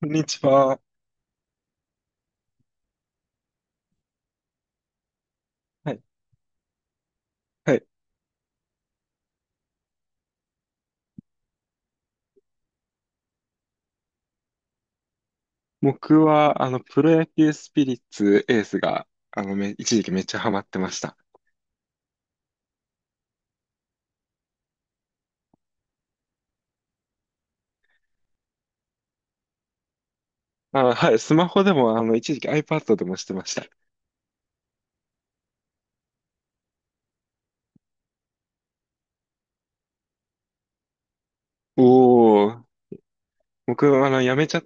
こんにちは。はい。はい。僕は、プロ野球スピリッツエースが、一時期めっちゃハマってました。あ、はい。スマホでも、一時期 iPad でもしてました。おー。僕は、やめちゃっ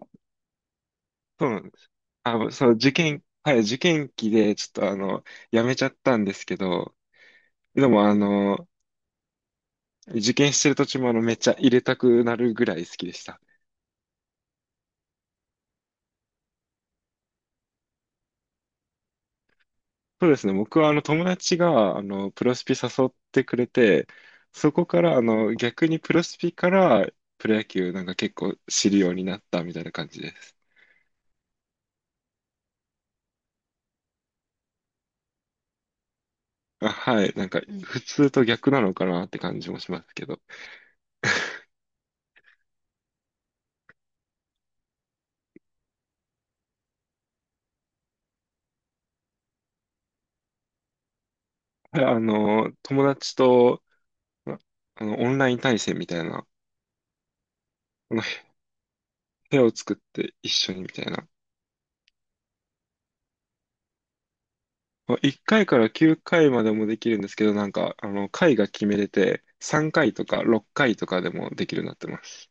たんです。あ、そう、受験、はい、受験期で、ちょっと、やめちゃったんですけど、でも、受験してる途中も、めっちゃ入れたくなるぐらい好きでした。そうですね。僕は友達がプロスピ誘ってくれて、そこから逆にプロスピからプロ野球なんか結構知るようになったみたいな感じです。あ、はい。なんかうん。普通と逆なのかなって感じもしますけど。はい。友達と、あオンライン対戦みたいな、あの、部屋を作って一緒にみたいな1回かいから9回までもできるんですけど、なんか、回が決めれて、3回とか6回とかでもできるようになってます。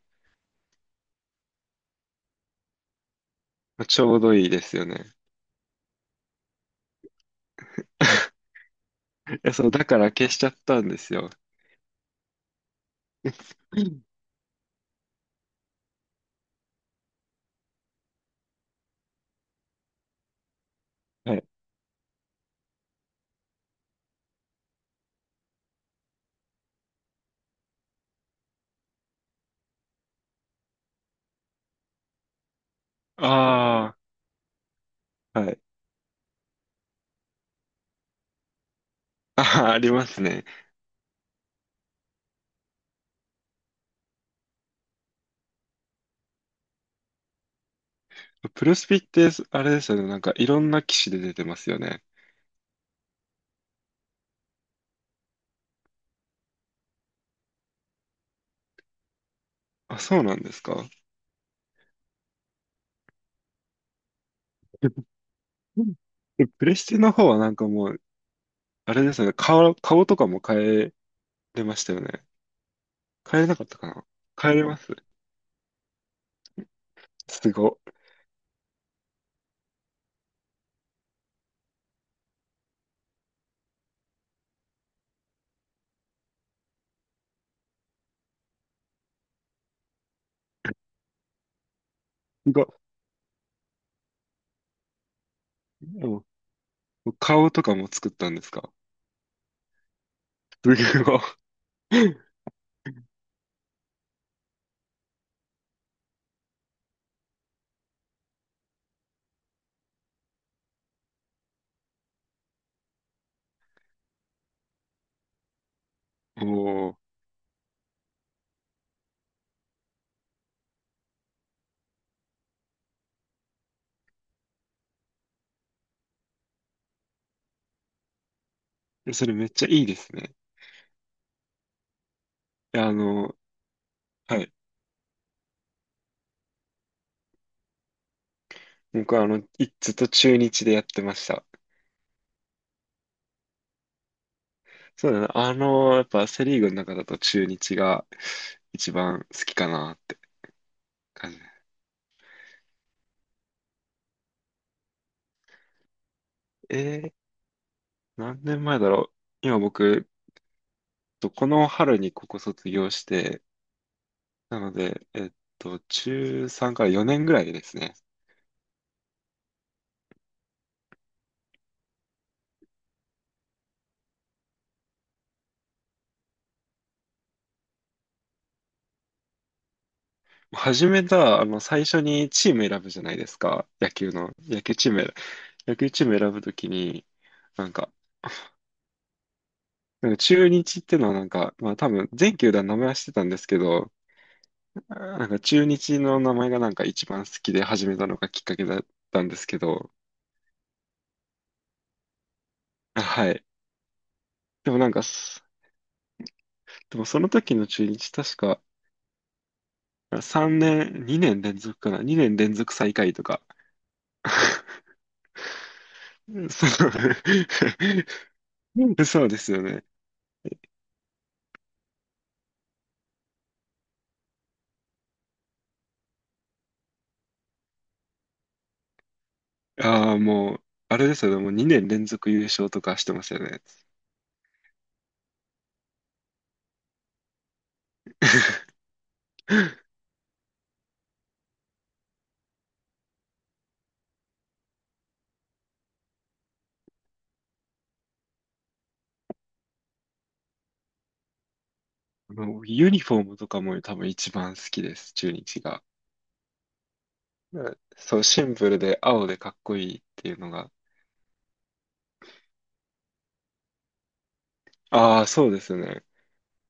まあちょうどいいですよね。いや、そう、だから消しちゃったんですよ。はい。ああ、はい。ああ、ありますね。プロスピって、あれですよね。なんか、いろんな機種で出てますよね。あ、そうなんですか？うん。でプレステの方はなんかもう、あれですよね。顔とかも変えれましたよね。変えれなかったかな。変えれます。すご。すご。でも顔とかも作ったんですか？すごい。おー、それめっちゃいいですね。いや、はい。僕はずっと中日でやってました。そうだな。やっぱセリーグの中だと中日が一番好きかなって感じ。えー、何年前だろう。今僕、とこの春にここ卒業して、なので、中3から4年ぐらいですね。始めた、最初にチーム選ぶじゃないですか。野球の。野球チーム選ぶときに、なんか、なんか、中日ってのはなんか、まあ多分全球団名前はしてたんですけど、なんか中日の名前がなんか一番好きで始めたのがきっかけだったんですけど、あ、はい。でもなんかす、でもその時の中日確か、3年、2年連続かな？ 2 年連続最下位とか。そう。 そうですよね。ああ、もう、あれですよね。もう2年連続優勝とかしてますよね。もうユニフォームとかも多分一番好きです、中日が。うん、そう、シンプルで青でかっこいいっていうのが。ああ、そうですね。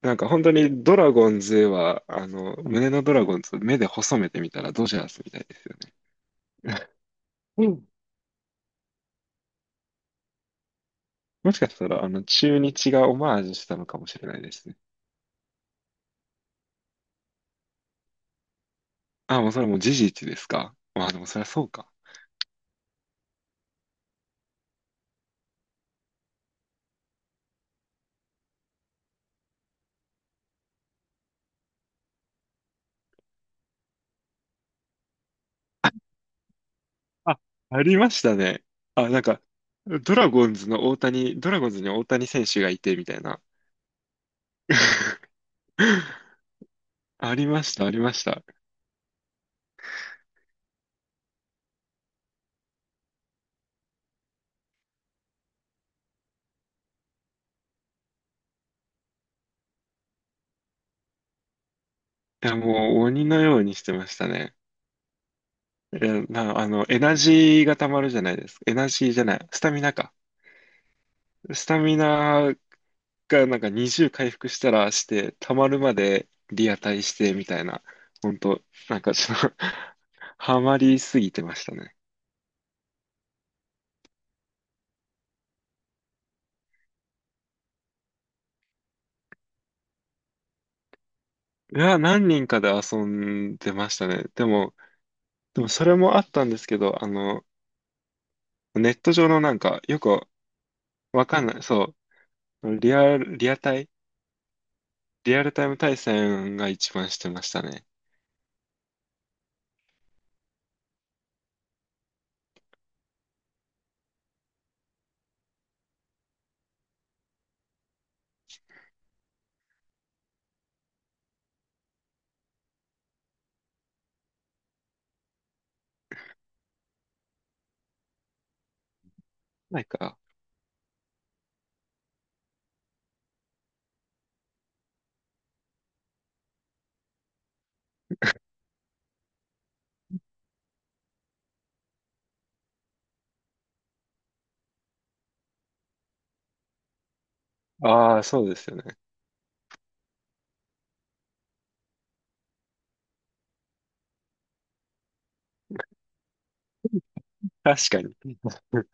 なんか本当にドラゴンズは、胸のドラゴンズ、目で細めてみたらドジャースみたいですよね。もしかしたら、中日がオマージュしたのかもしれないですね。あ、もうそれもう事実ですか？まあでもそりゃそうか。あ、ありましたね。あ、なんか、ドラゴンズの大谷、ドラゴンズに大谷選手がいて、みたいな。ありました、ありました。いや、もう鬼のようにしてましたね。いや、な、あの、エナジーが溜まるじゃないですか。エナジーじゃない。スタミナか。スタミナ回なんか20回復したらして、溜まるまでリアタイしてみたいな、ほんと、なんかちょっと ハマりすぎてましたね。いや、何人かで遊んでましたね。でもそれもあったんですけど、ネット上のなんか、よくわかんない、そう、リアルタイム対戦が一番してましたね。なんか、ああ、そうですよね。確かに。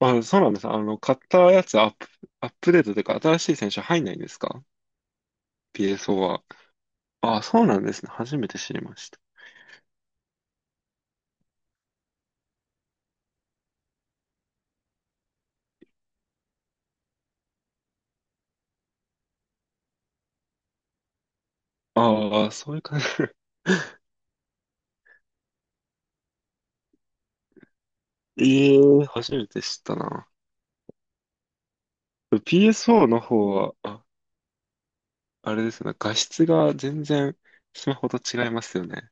あ、そうなんです。買ったやつアップデートというか、新しい選手入んないんですか？ PSO は。あ、そうなんですね。初めて知りました。ああ、そういう感じ。ええ、初めて知ったな。PSO の方は、あ、あれですね。画質が全然スマホと違いますよね。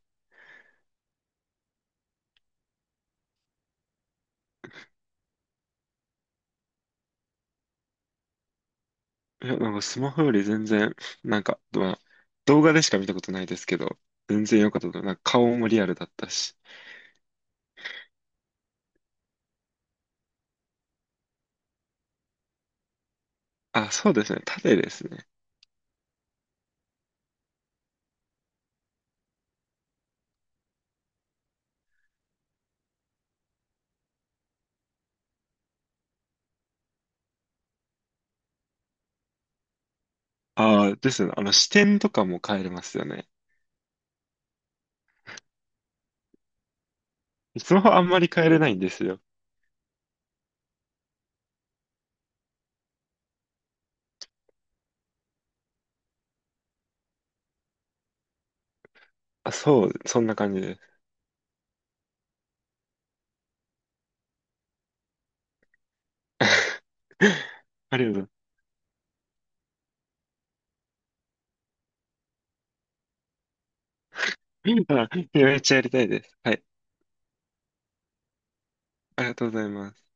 いや、なんかスマホより全然、なんか、まあ、動画でしか見たことないですけど、全然良かったと思う。なんか顔もリアルだったし。あ、そうですね。縦ですね。ああ、ですね。視点とかも変えれますよね。スマホあんまり変えれないんですよ。あ、そう、そんな感じです。ありがとうございます。あ、いやめっちゃやりたいです。はい。ありがとうございます。